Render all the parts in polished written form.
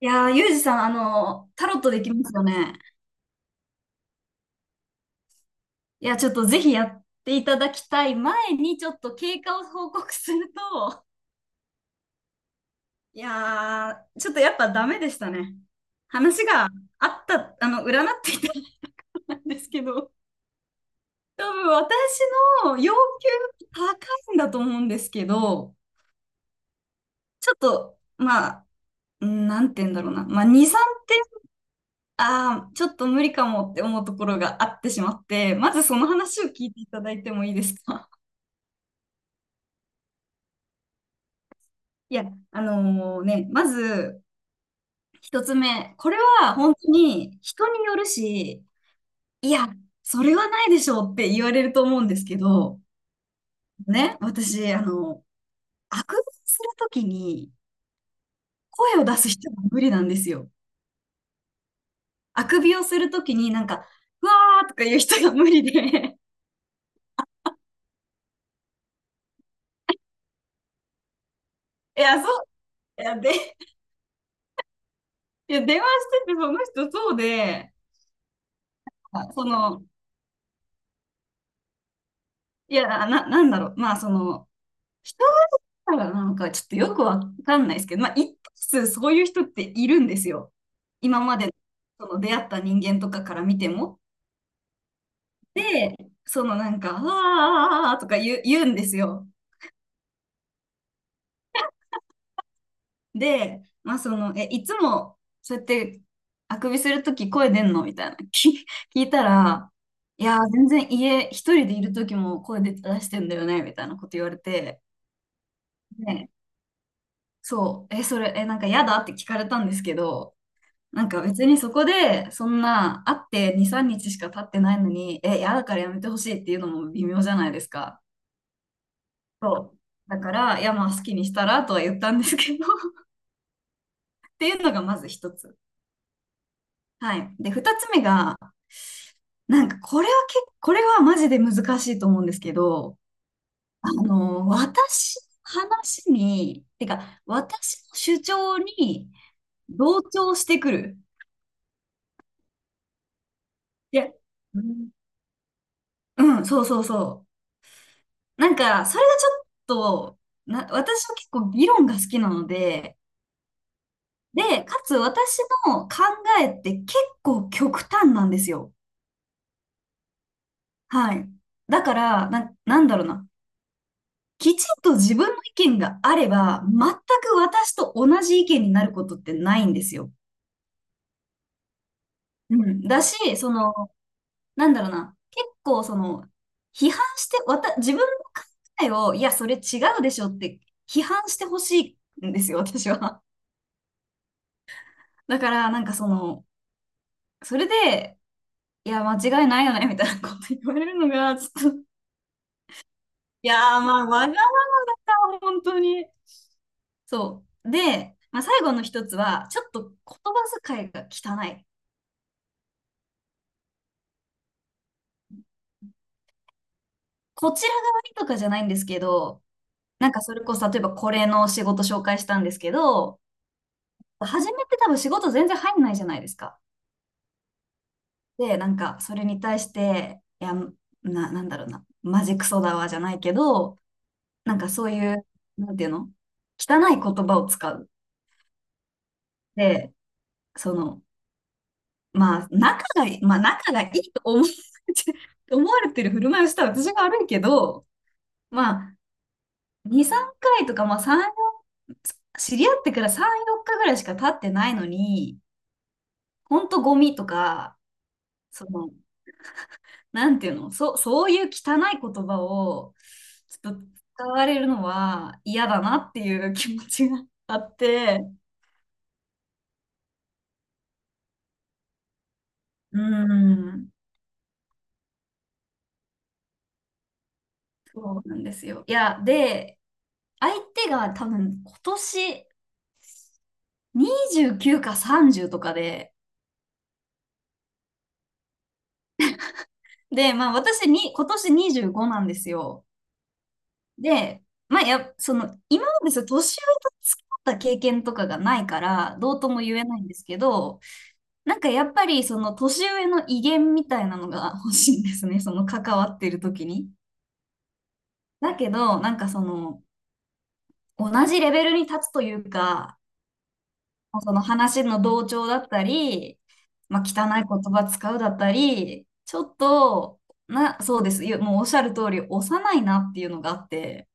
いやー、ユージさん、タロットできますよね。いや、ちょっとぜひやっていただきたい前に、ちょっと経過を報告すると、いやー、ちょっとやっぱダメでしたね。話があった、占っていたんですけど、多分私の要求高いんだと思うんですけど、ちょっと、まあ、うんなんて言うんだろうな。まあ、2、3点、ああ、ちょっと無理かもって思うところがあってしまって、まずその話を聞いていただいてもいいですか？いや、あのね、まず、一つ目、これは本当に人によるし、いや、それはないでしょうって言われると思うんですけど、ね、私、あくびをするときに声を出す人が無理なんですよ。あくびをするときになんか、うわーとか言う人が無理で、いや、そう、いや、で、いや、電話しててその人そうで、あその、いや、なんだろう、まあ、その、一だからなんかちょっとよくわかんないですけど、まあ、一定数そういう人っているんですよ。今までその出会った人間とかから見ても。で、そのなんか、ああとか言うんですよ。で、まあその、え、いつもそうやってあくびするとき声出んのみたいな 聞いたら、いやー、全然家一人でいるときも声出してんだよねみたいなこと言われて、ね、そう、え、それ、え、なんか嫌だって聞かれたんですけど、なんか別にそこで、そんな会って2、3日しか経ってないのに、え、嫌だからやめてほしいっていうのも微妙じゃないですか。そう。だから、いやまあ好きにしたらとは言ったんですけど っていうのがまず一つ。はい。で、二つ目が、なんかこれはマジで難しいと思うんですけど、あの、私の話に、てか、私の主張に同調してくる。いや、うん、うんそうそうそう。なんか、それがちょっと、私は結構議論が好きなので、で、かつ私の考えって結構極端なんですよ。はい。だから、なんだろうな。きちんと自分の意見があれば、全く私と同じ意見になることってないんですよ。うん。だし、その、なんだろうな。結構、その、批判して、わた、自分の考えを、いや、それ違うでしょって批判してほしいんですよ、私は。だから、なんかその、それで、いや、間違いないよね、みたいなこと言われるのが、ちょっと、いやー、まあ、わがまま本当に。そう。で、まあ、最後の一つは、ちょっと言葉遣いが汚い。こちら側にとかじゃないんですけど、なんかそれこそ、例えばこれの仕事紹介したんですけど、初めて多分仕事全然入んないじゃないですか。で、なんかそれに対して、いや、なんだろうな、マジクソだわじゃないけど、なんかそういう、なんていうの汚い言葉を使う。で、その、まあ、仲がいいと思われて 思われてる振る舞いをした私が悪いけど、まあ、2、3回とか、まあ、3、よん知り合ってから3、4日ぐらいしか経ってないのに、ほんとゴミとか、その、なんていうの、そういう汚い言葉を、ちょっと使われるのは嫌だなっていう気持ちがあって、うーん、そうなんですよ。いや、で、相手が多分今年、29か30とかで、で、まあ私に、今年25なんですよ。で、まあその、今までその年上と付き合った経験とかがないから、どうとも言えないんですけど、なんかやっぱりその年上の威厳みたいなのが 欲しいんですね、その関わってる時に。だけど、なんかその、同じレベルに立つというか、その話の同調だったり、まあ、汚い言葉使うだったり、ちょっと、そうです。もうおっしゃる通り、幼いなっていうのがあって。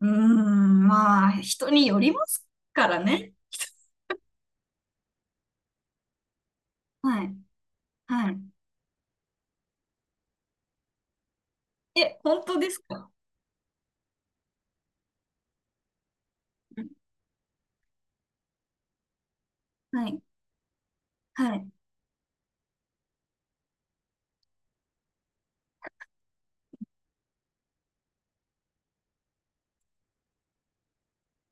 うーん、まあ、人によりますからね。はい。はい。え、本当ですか？うん。はい。はい。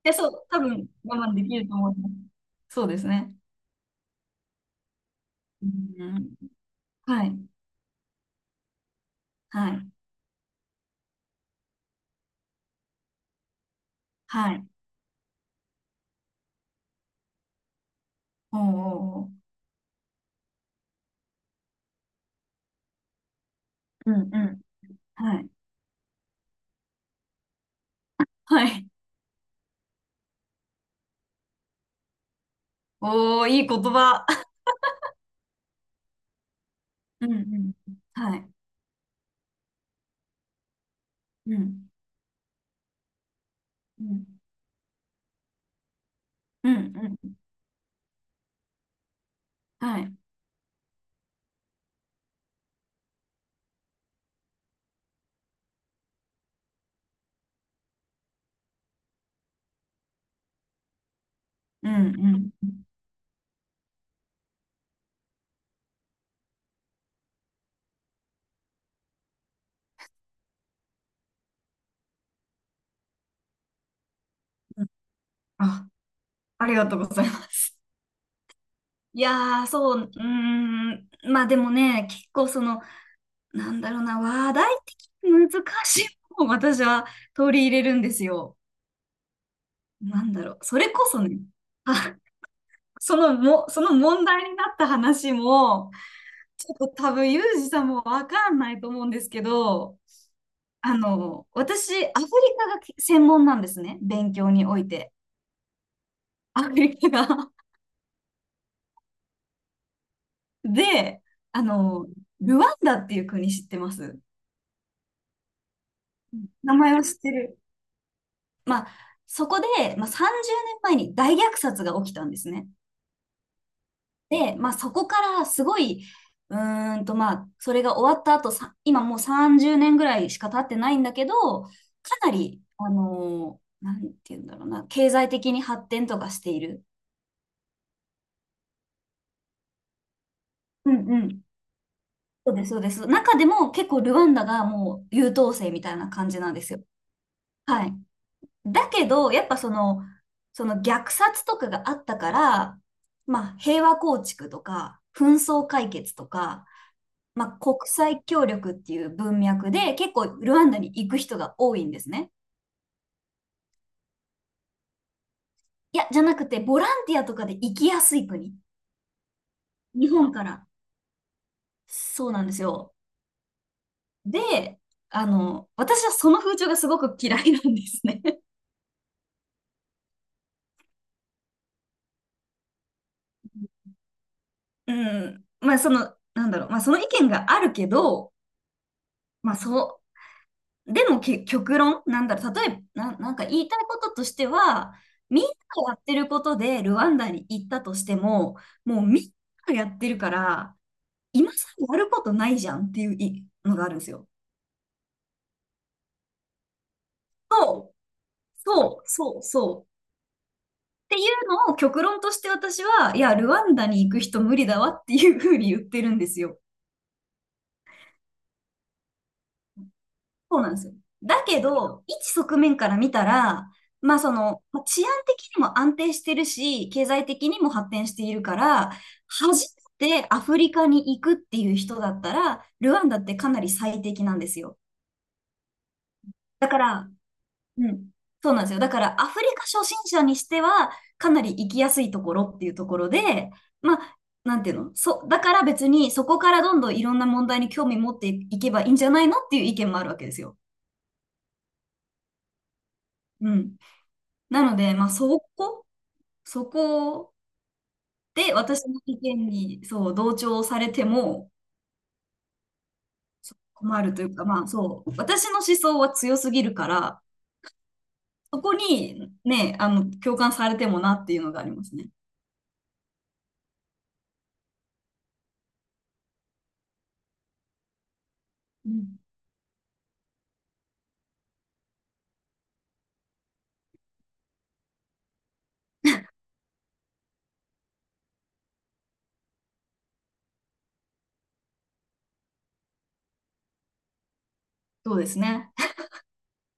え、そう、多分我慢できると思います。そうですね。うん。はい。はい。はい。おーおーおー。うんうん。はい。はい。おー、いい言葉。うんうん。はい。うん。うん。うんうん。はい。うんうん。うん。あ、ありがとうございます。いやー、そう、うーん。まあでもね、結構その、なんだろうな、話題的に難しいものを私は取り入れるんですよ。なんだろう。それこそね、あ、そのも、その問題になった話も、ちょっと多分、ユージさんもわかんないと思うんですけど、あの、私、アフリカが専門なんですね。勉強において。アフリカが。で、あの、ルワンダっていう国知ってます？名前は知ってる。まあ、そこで、まあ、30年前に大虐殺が起きたんですね。で、まあ、そこからすごい、うーんと、まあ、それが終わった後、今もう30年ぐらいしか経ってないんだけど、かなり、あの、なんて言うんだろうな、経済的に発展とかしている。うんうん。そうです、そうです。中でも結構ルワンダがもう優等生みたいな感じなんですよ。はい。だけど、やっぱその、その虐殺とかがあったから、まあ平和構築とか、紛争解決とか、まあ国際協力っていう文脈で結構ルワンダに行く人が多いんですね。いや、じゃなくてボランティアとかで行きやすい国。日本から。そうなんですよ。で、あの、私はその風潮がすごく嫌いなんですね。うん。まあ、その、なんだろう。まあ、その意見があるけど、まあ、そう、でもけ、極論、なんだろう。例えば、なんか言いたいこととしては、みんながやってることでルワンダに行ったとしても、もうみんながやってるから、今さらやることないじゃんっていういのがあるんですよ。そう、そう。っていうのを極論として私は、いや、ルワンダに行く人無理だわっていうふうに言ってるんですよ。そうなんですよ。だけど、一側面から見たら、まあその、まあ治安的にも安定してるし、経済的にも発展しているから、初めてアフリカに行くっていう人だったら、ルワンダってかなり最適なんですよ。だから、うん、そうなんですよ。だからアフリカ初心者にしては、かなり行きやすいところっていうところで、まあ、なんていうの、だから別にそこからどんどんいろんな問題に興味持っていけばいいんじゃないのっていう意見もあるわけですよ。うん。なので、まあ、そこで私の意見に、そう、同調されてもそう困るというか、まあ、そう、私の思想は強すぎるから、そこにね、あの、共感されてもなっていうのがありますね。うん、そうですね。